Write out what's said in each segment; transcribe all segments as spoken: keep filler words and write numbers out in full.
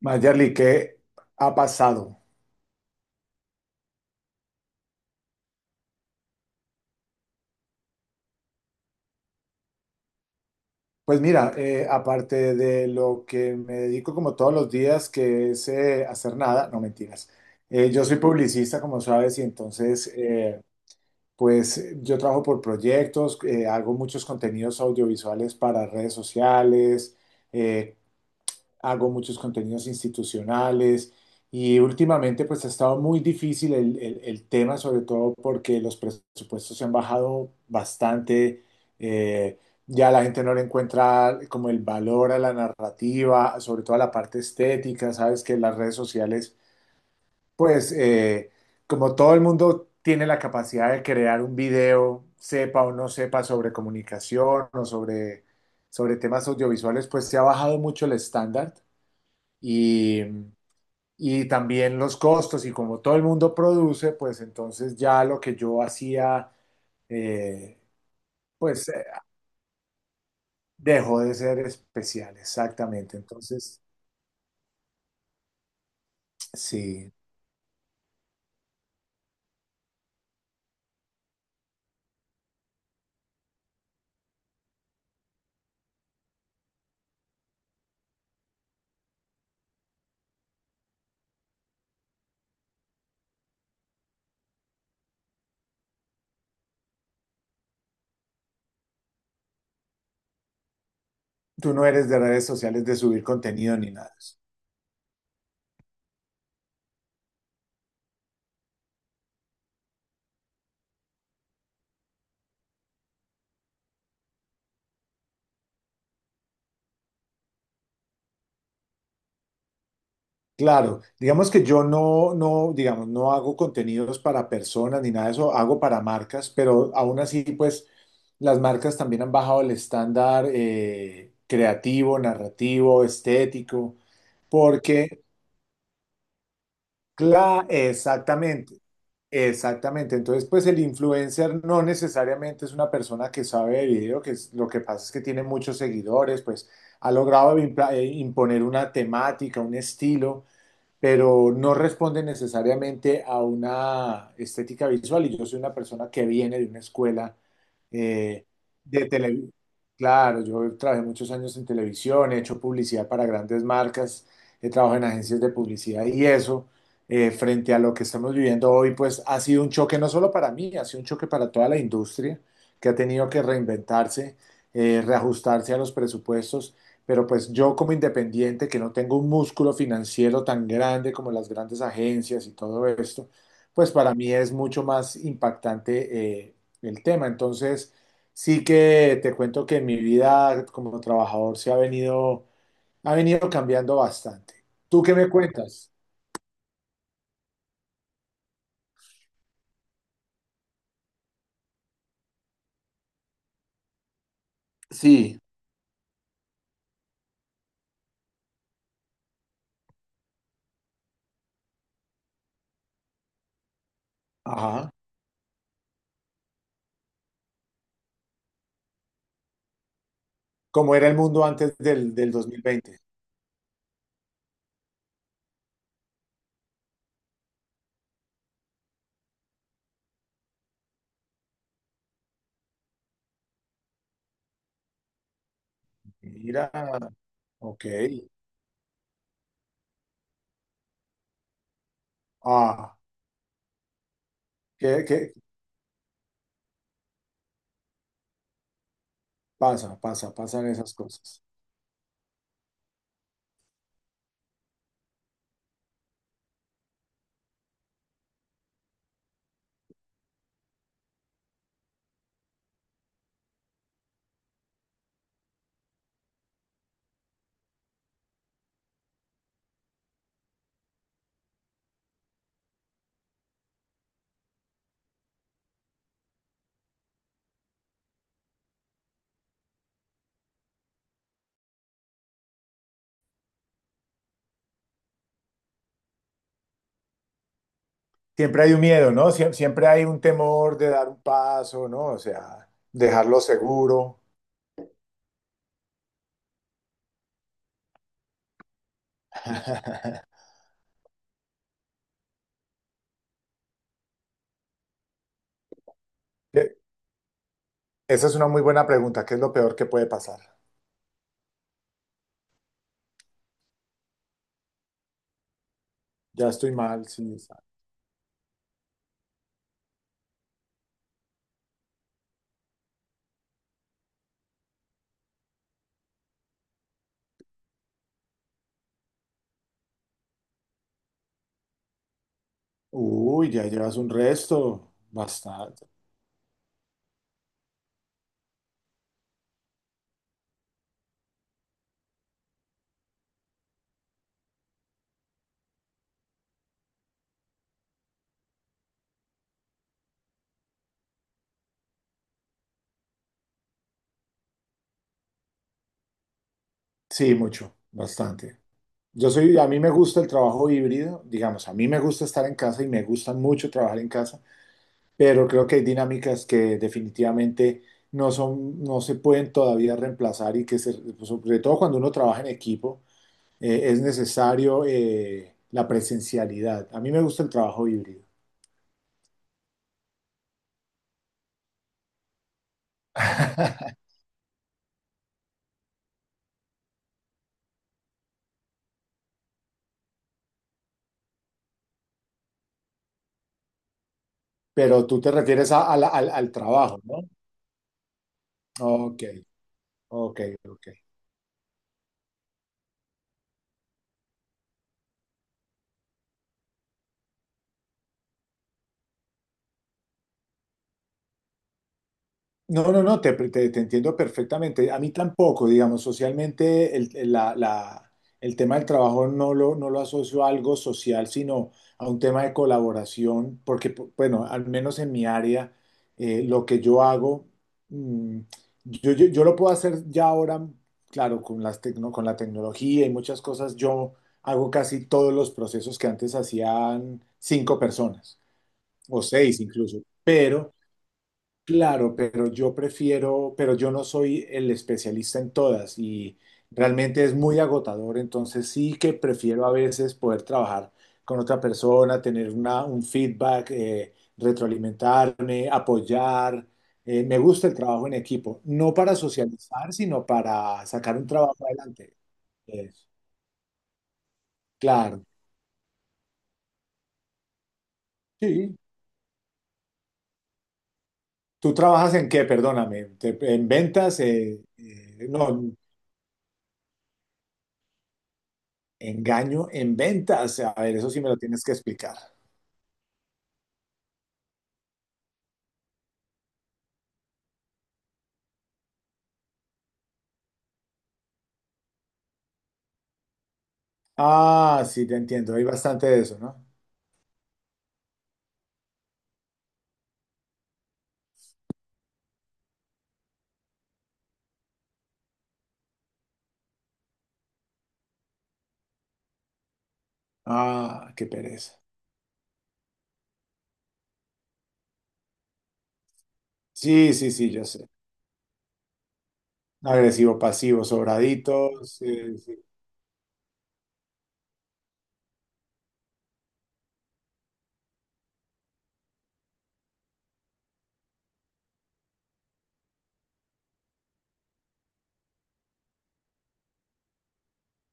Mayerly, ¿qué ha pasado? Pues mira, eh, aparte de lo que me dedico como todos los días, que es eh, hacer nada, no mentiras. Eh, yo soy publicista, como sabes, y entonces, eh, pues yo trabajo por proyectos, eh, hago muchos contenidos audiovisuales para redes sociales, eh, hago muchos contenidos institucionales y últimamente pues ha estado muy difícil el, el- el tema, sobre todo porque los presupuestos se han bajado bastante, eh, ya la gente no le encuentra como el valor a la narrativa, sobre todo a la parte estética, sabes que las redes sociales pues eh, como todo el mundo tiene la capacidad de crear un video, sepa o no sepa sobre comunicación o sobre, sobre temas audiovisuales, pues se ha bajado mucho el estándar y, y también los costos y como todo el mundo produce, pues entonces ya lo que yo hacía, eh, pues eh, dejó de ser especial, exactamente. Entonces, sí, tú no eres de redes sociales de subir contenido ni nada. De eso. Claro, digamos que yo no, no, digamos, no hago contenidos para personas ni nada de eso, hago para marcas, pero aún así, pues las marcas también han bajado el estándar eh, creativo, narrativo, estético. Porque, claro, exactamente, exactamente. Entonces, pues el influencer no necesariamente es una persona que sabe de video, que es- lo que pasa es que tiene muchos seguidores, pues ha logrado impla- eh, imponer una temática, un estilo, pero no responde necesariamente a una estética visual. Y yo soy una persona que viene de una escuela eh, de televisión. Claro, yo trabajé muchos años en televisión, he hecho publicidad para grandes marcas, he trabajado en agencias de publicidad y eso, eh, frente a lo que estamos viviendo hoy, pues ha sido un choque no solo para mí, ha sido un choque para toda la industria que ha tenido que reinventarse, eh, reajustarse a los presupuestos, pero pues yo como independiente, que no tengo un músculo financiero tan grande como las grandes agencias y todo esto, pues para mí es mucho más impactante eh, el tema. Entonces, sí que te cuento que en mi vida como trabajador se ha venido, ha venido cambiando bastante. ¿Tú qué me cuentas? Sí. Ajá. ¿Cómo era el mundo antes del, del dos mil veinte? Mira, ok. Ah, ¿qué, qué pasa? Pasa, pasan esas cosas. Siempre hay un miedo, ¿no? Sie- siempre hay un temor de dar un paso, ¿no? O sea, dejarlo seguro. Eh, Esa es una muy buena pregunta. ¿Qué es lo peor que puede pasar? Ya estoy mal, sí. Uy, ya llevas un resto. Bastante. Sí, mucho, bastante. Yo soy, a mí me gusta el trabajo híbrido, digamos, a mí me gusta estar en casa y me gusta mucho trabajar en casa, pero creo que hay dinámicas que definitivamente no son, no se pueden todavía reemplazar y que se- sobre todo cuando uno trabaja en equipo eh, es necesario eh, la presencialidad. A mí me gusta el trabajo híbrido, pero tú te refieres a- a la- al, al trabajo, ¿no? Ok, ok, ok. No, no, no, te, te- te entiendo perfectamente. A mí tampoco, digamos, socialmente el, el- la- la- el tema del trabajo no lo, no lo asocio a algo social, sino a un tema de colaboración, porque, pu- bueno, al menos en mi área, eh, lo que yo hago, mm, yo, yo- yo lo puedo hacer ya ahora, claro, con las tecno- con la tecnología y muchas cosas, yo hago casi todos los procesos que antes hacían cinco personas, o seis incluso, pero... Claro, pero yo prefiero, pero yo no soy el especialista en todas y realmente es muy agotador, entonces sí que prefiero a veces poder trabajar con otra persona, tener una, un feedback, eh, retroalimentarme, apoyar. Eh, me gusta el trabajo en equipo, no para socializar, sino para sacar un trabajo adelante. Eso, claro, sí. ¿Tú trabajas en qué? Perdóname, ¿te- en ventas? Eh, eh, no. Engaño en ventas. A ver, eso sí me lo tienes que explicar. Ah, sí, te entiendo. Hay bastante de eso, ¿no? Ah, qué pereza. Sí, sí, sí, yo sé. Agresivo, pasivo, sobradito. Sí, sí.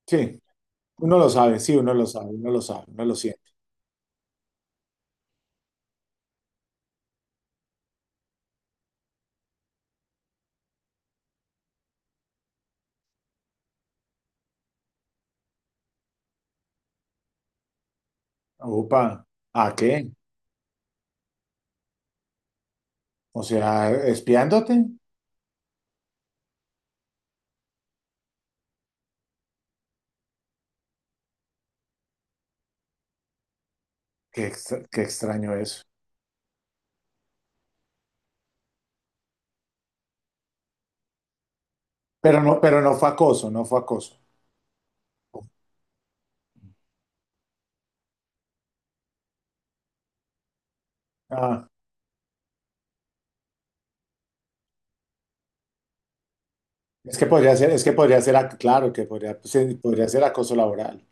Sí, uno lo sabe, sí, uno lo sabe, uno lo sabe, uno lo siente. Upa, ¿a qué? O sea, espiándote. Qué, extra- qué extraño eso. Pero no, pero no fue acoso, no fue acoso. Ah, es que podría ser, es que podría ser, ac- claro, que podría, sí, podría ser acoso laboral.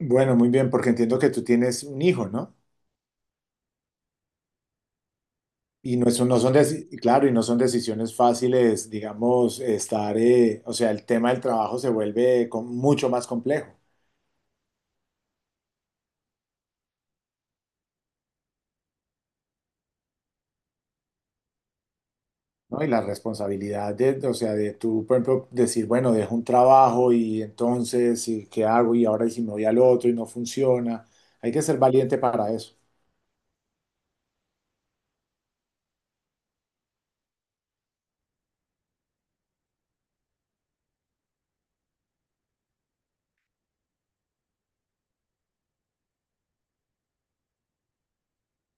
Bueno, muy bien, porque entiendo que tú tienes un hijo, ¿no? Y no, eso no son, deci- claro, y no son decisiones fáciles, digamos, estar, eh, o sea, el tema del trabajo se vuelve com- mucho más complejo, ¿no? Y la responsabilidad de, o sea, de tú, por ejemplo, decir, bueno, dejo un trabajo y entonces, ¿y ¿qué hago? Y ahora, ¿y si me voy al otro y no funciona? Hay que ser valiente para eso.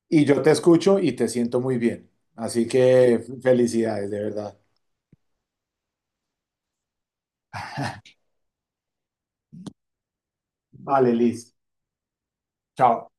Y yo te escucho y te siento muy bien. Así que felicidades, de verdad. Vale, Liz. Chao.